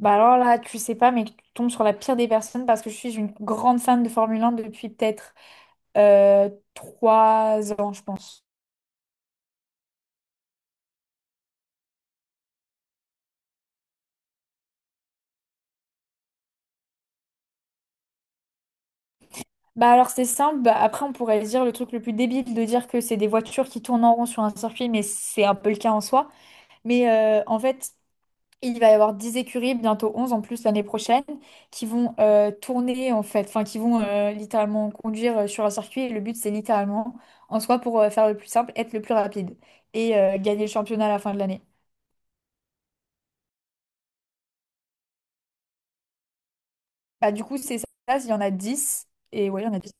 Bah alors là, tu sais pas, mais tu tombes sur la pire des personnes parce que je suis une grande fan de Formule 1 depuis peut-être euh, 3 ans, je pense. Bah alors c'est simple, bah après on pourrait dire le truc le plus débile de dire que c'est des voitures qui tournent en rond sur un circuit, mais c'est un peu le cas en soi. Mais euh, en fait, Il va y avoir 10 écuries, bientôt 11 en plus l'année prochaine, qui vont tourner en fait, enfin qui vont littéralement conduire sur un circuit. Et le but, c'est littéralement, en soi, pour faire le plus simple, être le plus rapide et gagner le championnat à la fin de l'année. Bah, du coup, c'est ça, il y en a 10 et ouais, il y en a 10.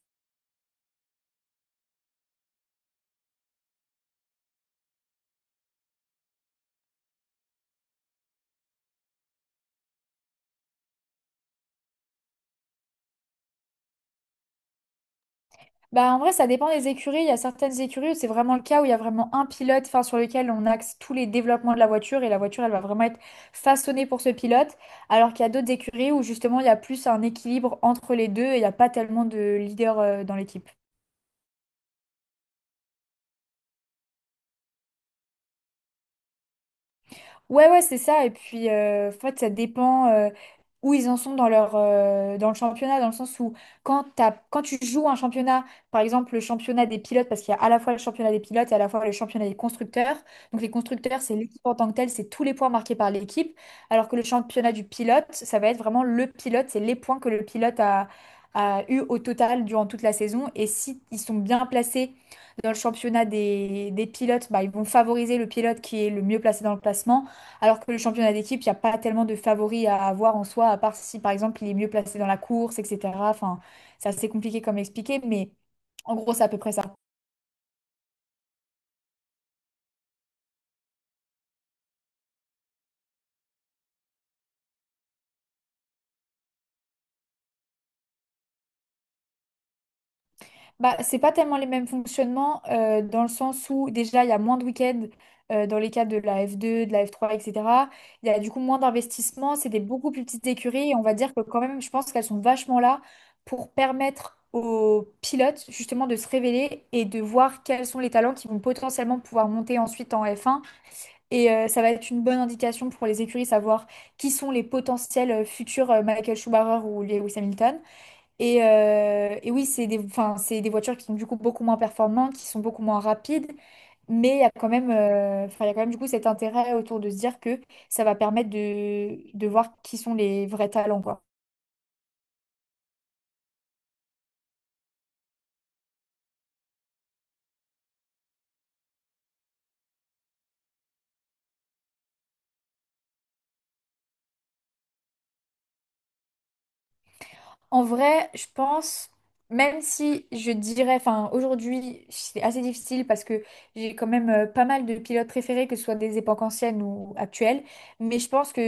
Bah, en vrai, ça dépend des écuries. Il y a certaines écuries où c'est vraiment le cas où il y a vraiment un pilote enfin, sur lequel on axe tous les développements de la voiture et la voiture, elle va vraiment être façonnée pour ce pilote. Alors qu'il y a d'autres écuries où justement, il y a plus un équilibre entre les deux et il n'y a pas tellement de leader dans l'équipe. Ouais, ouais, c'est ça. Et puis, en fait, ça dépend où ils en sont dans leur, dans le championnat, dans le sens où quand tu joues un championnat, par exemple le championnat des pilotes, parce qu'il y a à la fois le championnat des pilotes et à la fois le championnat des constructeurs. Donc, les constructeurs, c'est l'équipe en tant que telle, c'est tous les points marqués par l'équipe. Alors que le championnat du pilote, ça va être vraiment le pilote, c'est les points que le pilote a eu au total durant toute la saison. Et si ils sont bien placés dans le championnat des pilotes, bah, ils vont favoriser le pilote qui est le mieux placé dans le classement. Alors que le championnat d'équipe, il n'y a pas tellement de favoris à avoir en soi, à part si par exemple il est mieux placé dans la course, etc. Enfin, c'est assez compliqué comme expliqué, mais en gros, c'est à peu près ça. Bah, c'est pas tellement les mêmes fonctionnements dans le sens où déjà il y a moins de week-ends dans les cas de la F2, de la F3, etc. Il y a du coup moins d'investissement, c'est des beaucoup plus petites écuries et on va dire que quand même, je pense qu'elles sont vachement là pour permettre aux pilotes justement de se révéler et de voir quels sont les talents qui vont potentiellement pouvoir monter ensuite en F1. Et ça va être une bonne indication pour les écuries, savoir qui sont les potentiels futurs Michael Schumacher ou Lewis Hamilton. Et oui, c'est des, enfin, c'est des voitures qui sont du coup beaucoup moins performantes, qui sont beaucoup moins rapides, mais il y a quand même, enfin, il y a quand même du coup cet intérêt autour de se dire que ça va permettre de voir qui sont les vrais talents, quoi. En vrai, je pense, même si je dirais, enfin aujourd'hui c'est assez difficile parce que j'ai quand même pas mal de pilotes préférés, que ce soit des époques anciennes ou actuelles, mais je pense que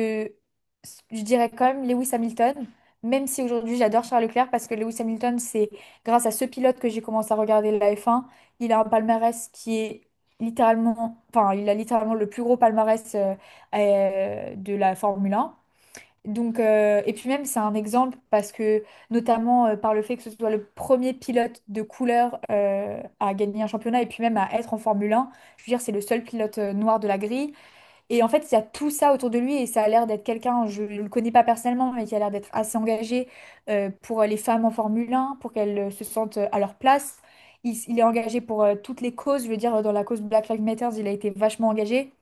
je dirais quand même Lewis Hamilton, même si aujourd'hui j'adore Charles Leclerc parce que Lewis Hamilton, c'est grâce à ce pilote que j'ai commencé à regarder la F1. Il a un palmarès qui est littéralement, enfin il a littéralement le plus gros palmarès de la Formule 1. Donc, et puis même, c'est un exemple parce que, notamment par le fait que ce soit le premier pilote de couleur à gagner un championnat et puis même à être en Formule 1, je veux dire, c'est le seul pilote noir de la grille. Et en fait, il y a tout ça autour de lui et ça a l'air d'être quelqu'un, je ne le connais pas personnellement, mais qui a l'air d'être assez engagé pour les femmes en Formule 1, pour qu'elles se sentent à leur place. Il est engagé pour toutes les causes, je veux dire, dans la cause Black Lives Matter, il a été vachement engagé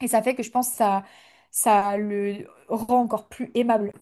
et ça fait que je pense que ça le rend encore plus aimable.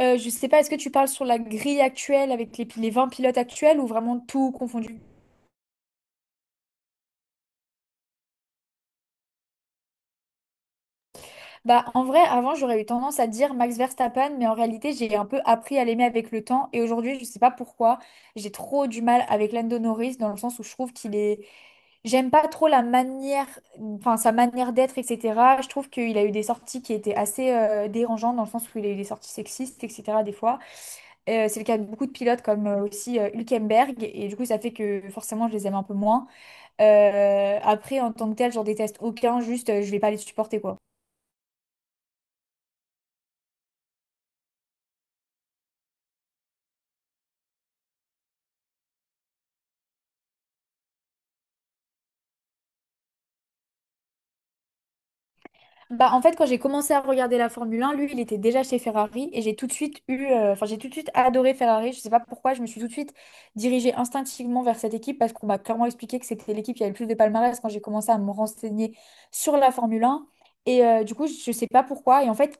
Je sais pas, est-ce que tu parles sur la grille actuelle avec les 20 pilotes actuels ou vraiment tout confondu? Bah, en vrai, avant, j'aurais eu tendance à dire Max Verstappen, mais en réalité, j'ai un peu appris à l'aimer avec le temps. Et aujourd'hui, je sais pas pourquoi, j'ai trop du mal avec Lando Norris dans le sens où je trouve qu'il est. J'aime pas trop la manière, enfin, sa manière d'être, etc. Je trouve qu'il a eu des sorties qui étaient assez dérangeantes dans le sens où il a eu des sorties sexistes, etc. des fois. C'est le cas de beaucoup de pilotes comme aussi Hülkenberg. Et du coup, ça fait que forcément, je les aime un peu moins. Après, en tant que tel, j'en déteste aucun, juste je vais pas les supporter quoi. Bah, en fait, quand j'ai commencé à regarder la Formule 1, lui, il était déjà chez Ferrari et j'ai tout de suite enfin, j'ai tout de suite adoré Ferrari. Je sais pas pourquoi, je me suis tout de suite dirigée instinctivement vers cette équipe parce qu'on m'a clairement expliqué que c'était l'équipe qui avait le plus de palmarès quand j'ai commencé à me renseigner sur la Formule 1. Et du coup, je sais pas pourquoi. Et en fait,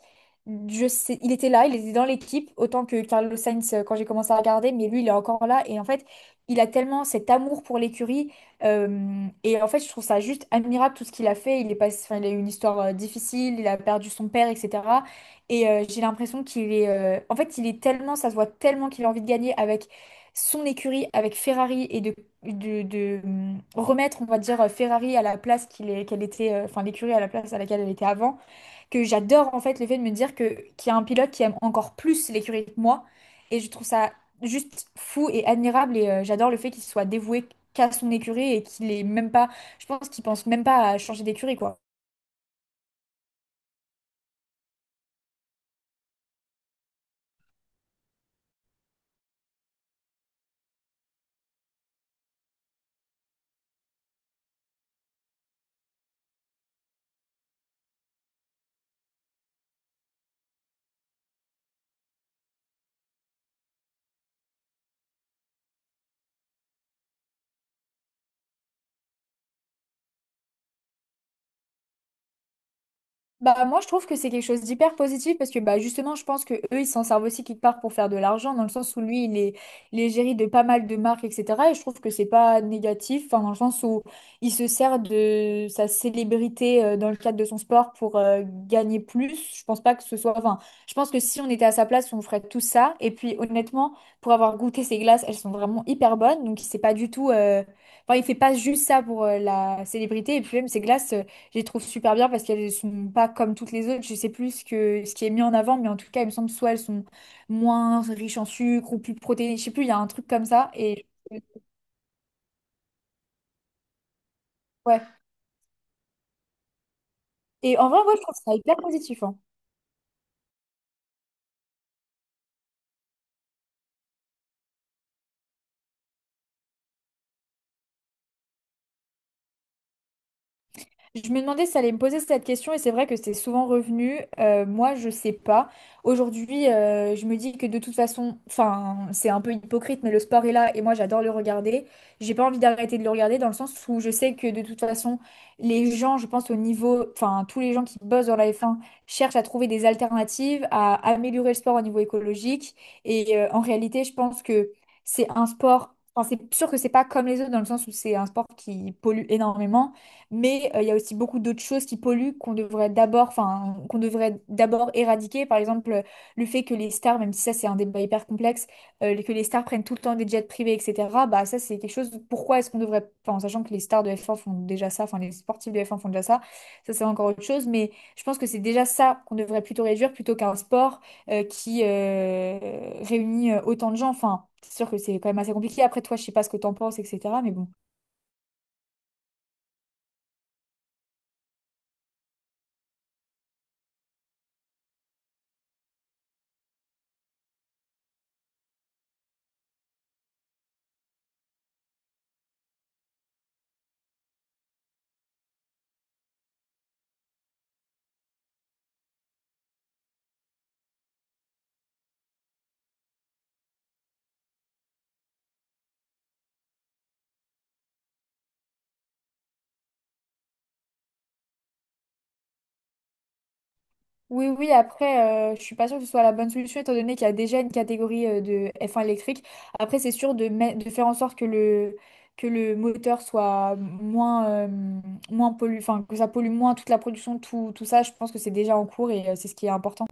je sais, il était là, il était dans l'équipe autant que Carlos Sainz quand j'ai commencé à regarder, mais lui, il est encore là. Et en fait, il a tellement cet amour pour l'écurie. Et en fait, je trouve ça juste admirable tout ce qu'il a fait. Il est passé, enfin, il a eu une histoire difficile, il a perdu son père, etc. Et j'ai l'impression qu'il est, en fait, il est tellement, ça se voit tellement qu'il a envie de gagner avec son écurie, avec Ferrari et de remettre, on va dire, Ferrari à la place qu'il est, qu'elle était, enfin, l'écurie à la place à laquelle elle était avant que j'adore en fait le fait de me dire que qu'il y a un pilote qui aime encore plus l'écurie que moi. Et je trouve ça juste fou et admirable. Et j'adore le fait qu'il soit dévoué qu'à son écurie et qu'il est même pas. Je pense qu'il pense même pas à changer d'écurie, quoi. Bah, moi, je trouve que c'est quelque chose d'hyper positif parce que bah, justement, je pense que eux, ils s'en servent aussi quelque part pour faire de l'argent, dans le sens où lui, il est géré de pas mal de marques, etc. Et je trouve que c'est pas négatif, enfin, dans le sens où il se sert de sa célébrité dans le cadre de son sport pour gagner plus. Je pense pas que ce soit. Enfin, je pense que si on était à sa place, on ferait tout ça. Et puis, honnêtement, pour avoir goûté ses glaces, elles sont vraiment hyper bonnes. Donc, c'est pas du tout. Enfin, il fait pas juste ça pour la célébrité. Et puis, même ses glaces, je les trouve super bien parce qu'elles sont pas comme toutes les autres. Je sais plus ce que, ce qui est mis en avant, mais en tout cas, il me semble soit elles sont moins riches en sucre ou plus protéinées. Je sais plus, il y a un truc comme ça. Et ouais. Et en vrai, ouais, je trouve ça hyper positif. Hein. Je me demandais si ça allait me poser cette question et c'est vrai que c'est souvent revenu. Moi, je sais pas. Aujourd'hui, je me dis que de toute façon, enfin, c'est un peu hypocrite, mais le sport est là et moi, j'adore le regarder. J'ai pas envie d'arrêter de le regarder dans le sens où je sais que de toute façon, les gens, je pense au niveau, enfin, tous les gens qui bossent dans la F1 cherchent à trouver des alternatives, à améliorer le sport au niveau écologique. Et en réalité, je pense que c'est un sport. Enfin, c'est sûr que c'est pas comme les autres dans le sens où c'est un sport qui pollue énormément. Mais il y a aussi beaucoup d'autres choses qui polluent qu'on devrait d'abord, enfin, qu'on devrait d'abord éradiquer. Par exemple, le fait que les stars, même si ça c'est un débat hyper complexe, que les stars prennent tout le temps des jets privés, etc. Bah ça c'est quelque chose. Pourquoi est-ce qu'on devrait, enfin, en sachant que les stars de F1 font déjà ça, enfin les sportifs de F1 font déjà ça, ça c'est encore autre chose. Mais je pense que c'est déjà ça qu'on devrait plutôt réduire plutôt qu'un sport qui réunit autant de gens. Enfin, c'est sûr que c'est quand même assez compliqué. Après toi, je sais pas ce que t'en penses, etc. Mais bon. Oui, oui, après, je suis pas sûre que ce soit la bonne solution, étant donné qu'il y a déjà une catégorie de F1 électrique. Après, c'est sûr de faire en sorte que que le moteur soit moins, moins enfin, que ça pollue moins toute la production, tout, tout ça, je pense que c'est déjà en cours et c'est ce qui est important.